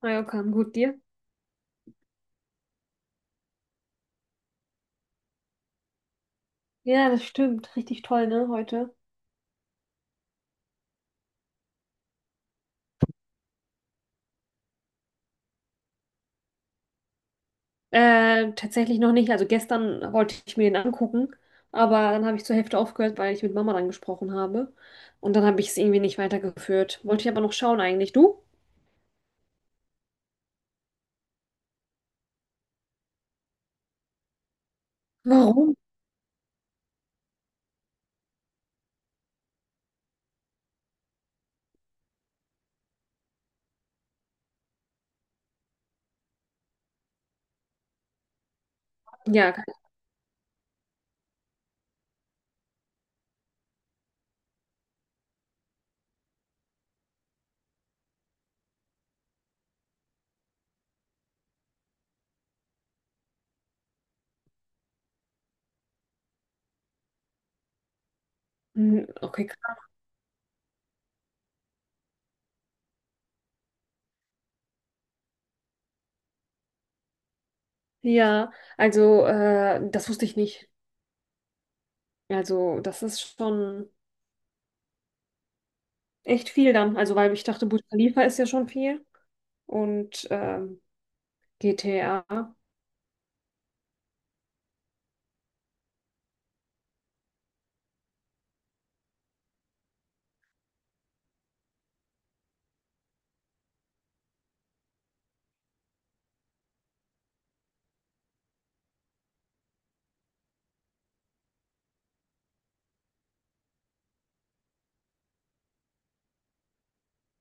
Mallorca, gut dir? Ja, das stimmt. Richtig toll, ne, heute. Tatsächlich noch nicht. Also gestern wollte ich mir den angucken, aber dann habe ich zur Hälfte aufgehört, weil ich mit Mama dann gesprochen habe. Und dann habe ich es irgendwie nicht weitergeführt. Wollte ich aber noch schauen eigentlich. Du? Warum? Ja, keine- hm, okay, krass. Ja, also das wusste ich nicht. Also das ist schon echt viel dann. Also weil ich dachte, Burj Khalifa ist ja schon viel. Und GTA.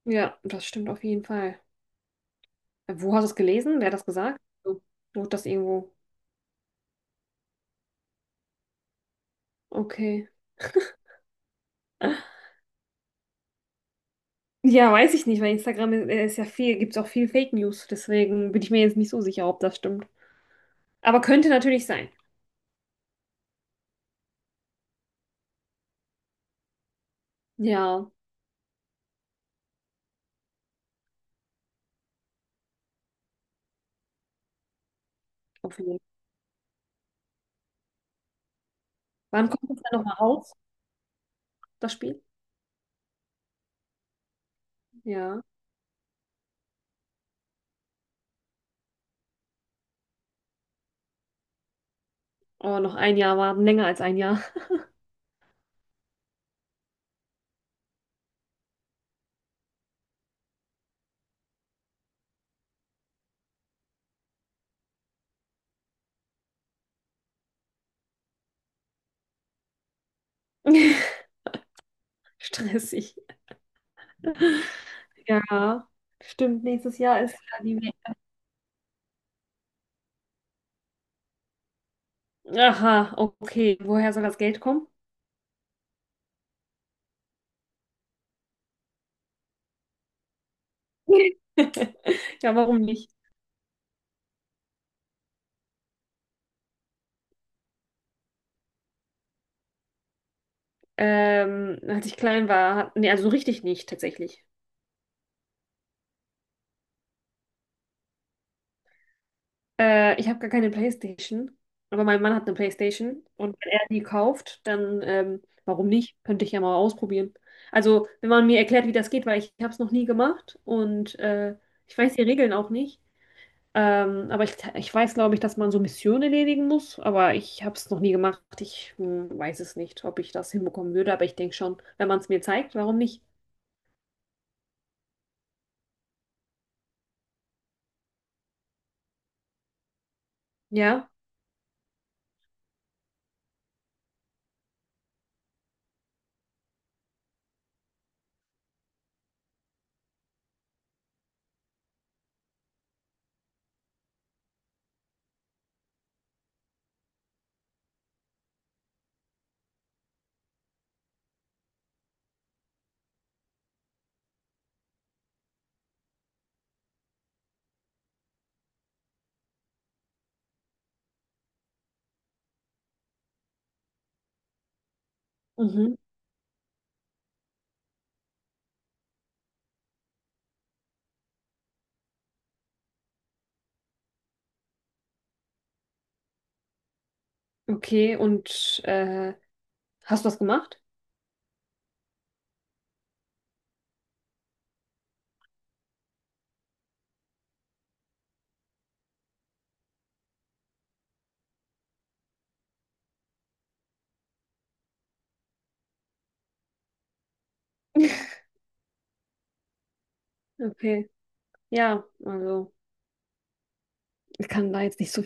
Ja, das stimmt auf jeden Fall. Wo hast du es gelesen? Wer hat das gesagt? So, wurde das irgendwo? Okay. Ja, weiß ich nicht, weil Instagram ist ja viel, gibt es auch viel Fake News. Deswegen bin ich mir jetzt nicht so sicher, ob das stimmt. Aber könnte natürlich sein. Ja, auf jeden Fall. Wann kommt das dann nochmal raus, das Spiel? Ja. Oh, noch ein Jahr warten, länger als ein Jahr. Stressig. Ja, stimmt. Nächstes Jahr ist ja die WM. Aha, okay. Woher soll das Geld kommen? Ja, warum nicht? Als ich klein war, hat, nee, also so richtig nicht tatsächlich. Ich habe gar keine PlayStation, aber mein Mann hat eine PlayStation und wenn er die kauft, dann warum nicht? Könnte ich ja mal ausprobieren. Also, wenn man mir erklärt, wie das geht, weil ich habe es noch nie gemacht und ich weiß die Regeln auch nicht. Aber ich weiß, glaube ich, dass man so Missionen erledigen muss, aber ich habe es noch nie gemacht. Ich weiß es nicht, ob ich das hinbekommen würde, aber ich denke schon, wenn man es mir zeigt, warum nicht? Ja. Mhm. Okay, und hast du das gemacht? Okay. Ja, also ich kann da jetzt nicht so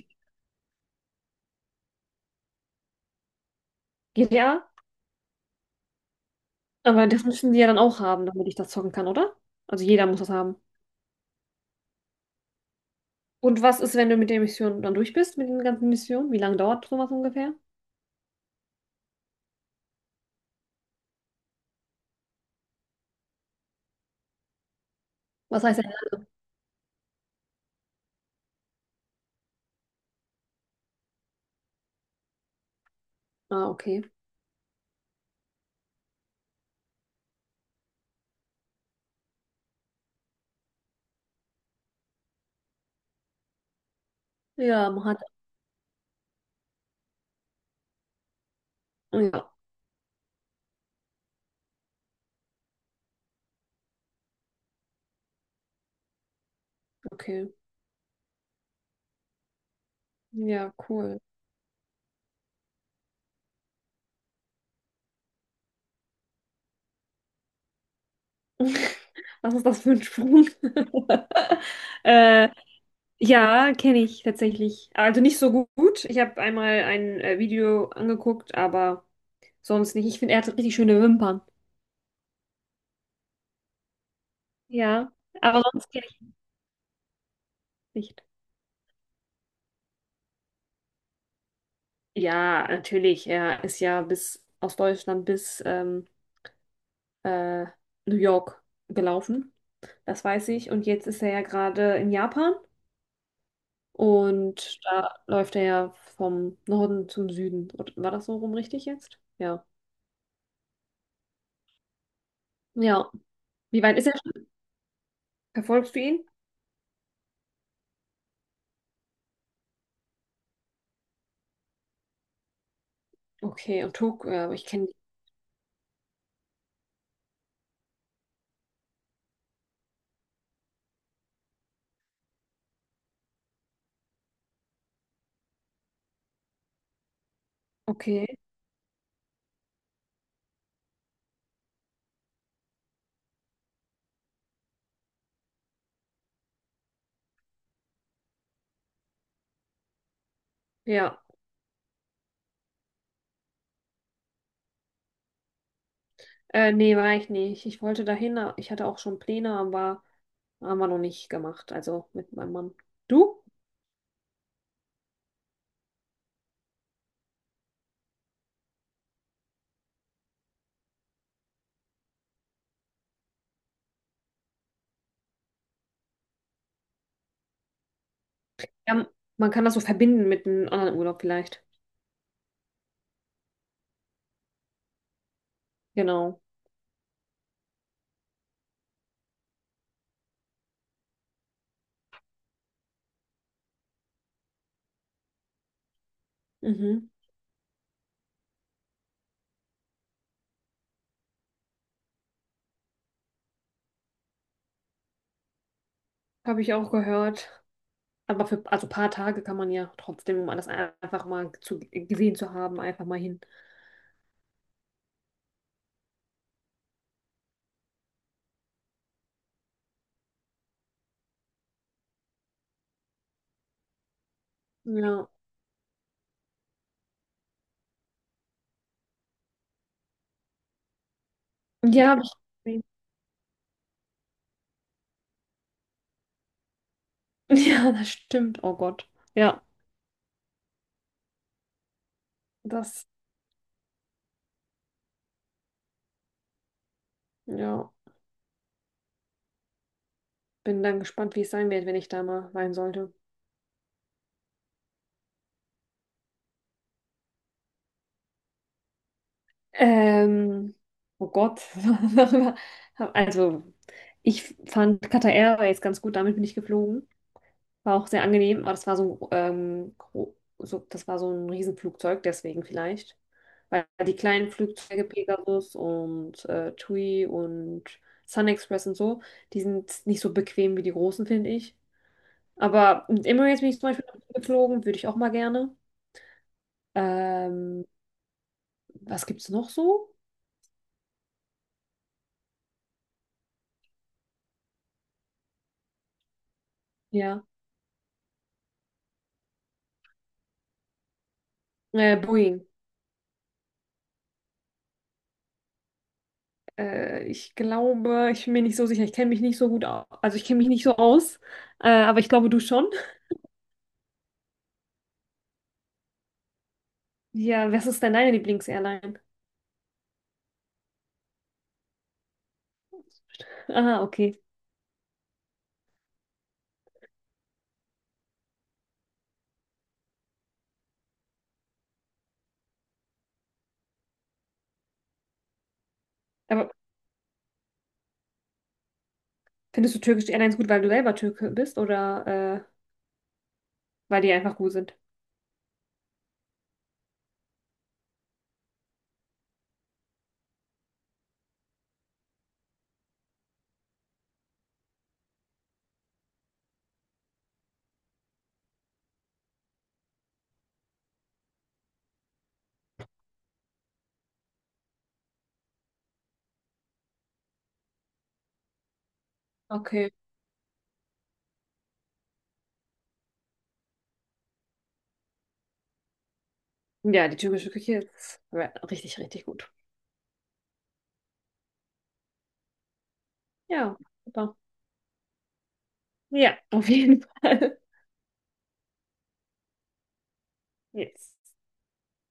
viel. Ja, aber das müssen die ja dann auch haben, damit ich das zocken kann, oder? Also jeder muss das haben. Und was ist, wenn du mit der Mission dann durch bist, mit den ganzen Missionen? Wie lange dauert sowas ungefähr? Was heißt denn? Ah, okay. Ja, man hat. Ja, okay. Ja, cool. Was ist das für ein Sprung? äh, ja, kenne ich tatsächlich. Also nicht so gut. Ich habe einmal ein Video angeguckt, aber sonst nicht. Ich finde, er hat richtig schöne Wimpern. Ja, aber sonst kenne ich ihn nicht. Ja, natürlich. Er ist ja bis aus Deutschland bis äh, New York gelaufen. Das weiß ich. Und jetzt ist er ja gerade in Japan und da läuft er ja vom Norden zum Süden. Und war das so rum richtig jetzt? Ja. Ja. Wie weit ist er schon? Verfolgst du ihn? Okay, und ich kenne. Okay. Ja. Nee, war ich nicht. Ich wollte dahin, ich hatte auch schon Pläne, aber haben wir noch nicht gemacht. Also mit meinem Mann. Du? Ja, man kann das so verbinden mit einem anderen Urlaub vielleicht. Genau. Mhm. Habe ich auch gehört. Aber für also ein paar Tage kann man ja trotzdem, um alles einfach mal zu, gesehen zu haben, einfach mal hin. Ja. Ja, hab ich gesehen. Ja, das stimmt. Oh Gott. Ja, das, ja. Bin dann gespannt, wie es sein wird, wenn ich da mal sein sollte. Ähm, oh Gott, darüber. Also, ich fand Qatar Airways ganz gut, damit bin ich geflogen. War auch sehr angenehm, aber das war so, so, das war so ein Riesenflugzeug, deswegen vielleicht. Weil die kleinen Flugzeuge Pegasus und TUI und Sun Express und so, die sind nicht so bequem wie die großen, finde ich. Aber mit Emirates bin ich zum Beispiel geflogen, würde ich auch mal gerne. Ähm, Was gibt's noch so? Ja, Boeing. Ich glaube, ich bin mir nicht so sicher. Ich kenne mich nicht so gut aus. Also ich kenne mich nicht so aus, aber ich glaube, du schon. Ja, was ist denn deine Lieblingsairline? Aha, okay. Aber findest du türkische Airlines gut, weil du selber Türke bist oder weil die einfach gut sind? Okay. Ja, die türkische Küche ist richtig, richtig gut. Ja, super. Ja, auf jeden Fall. Yes.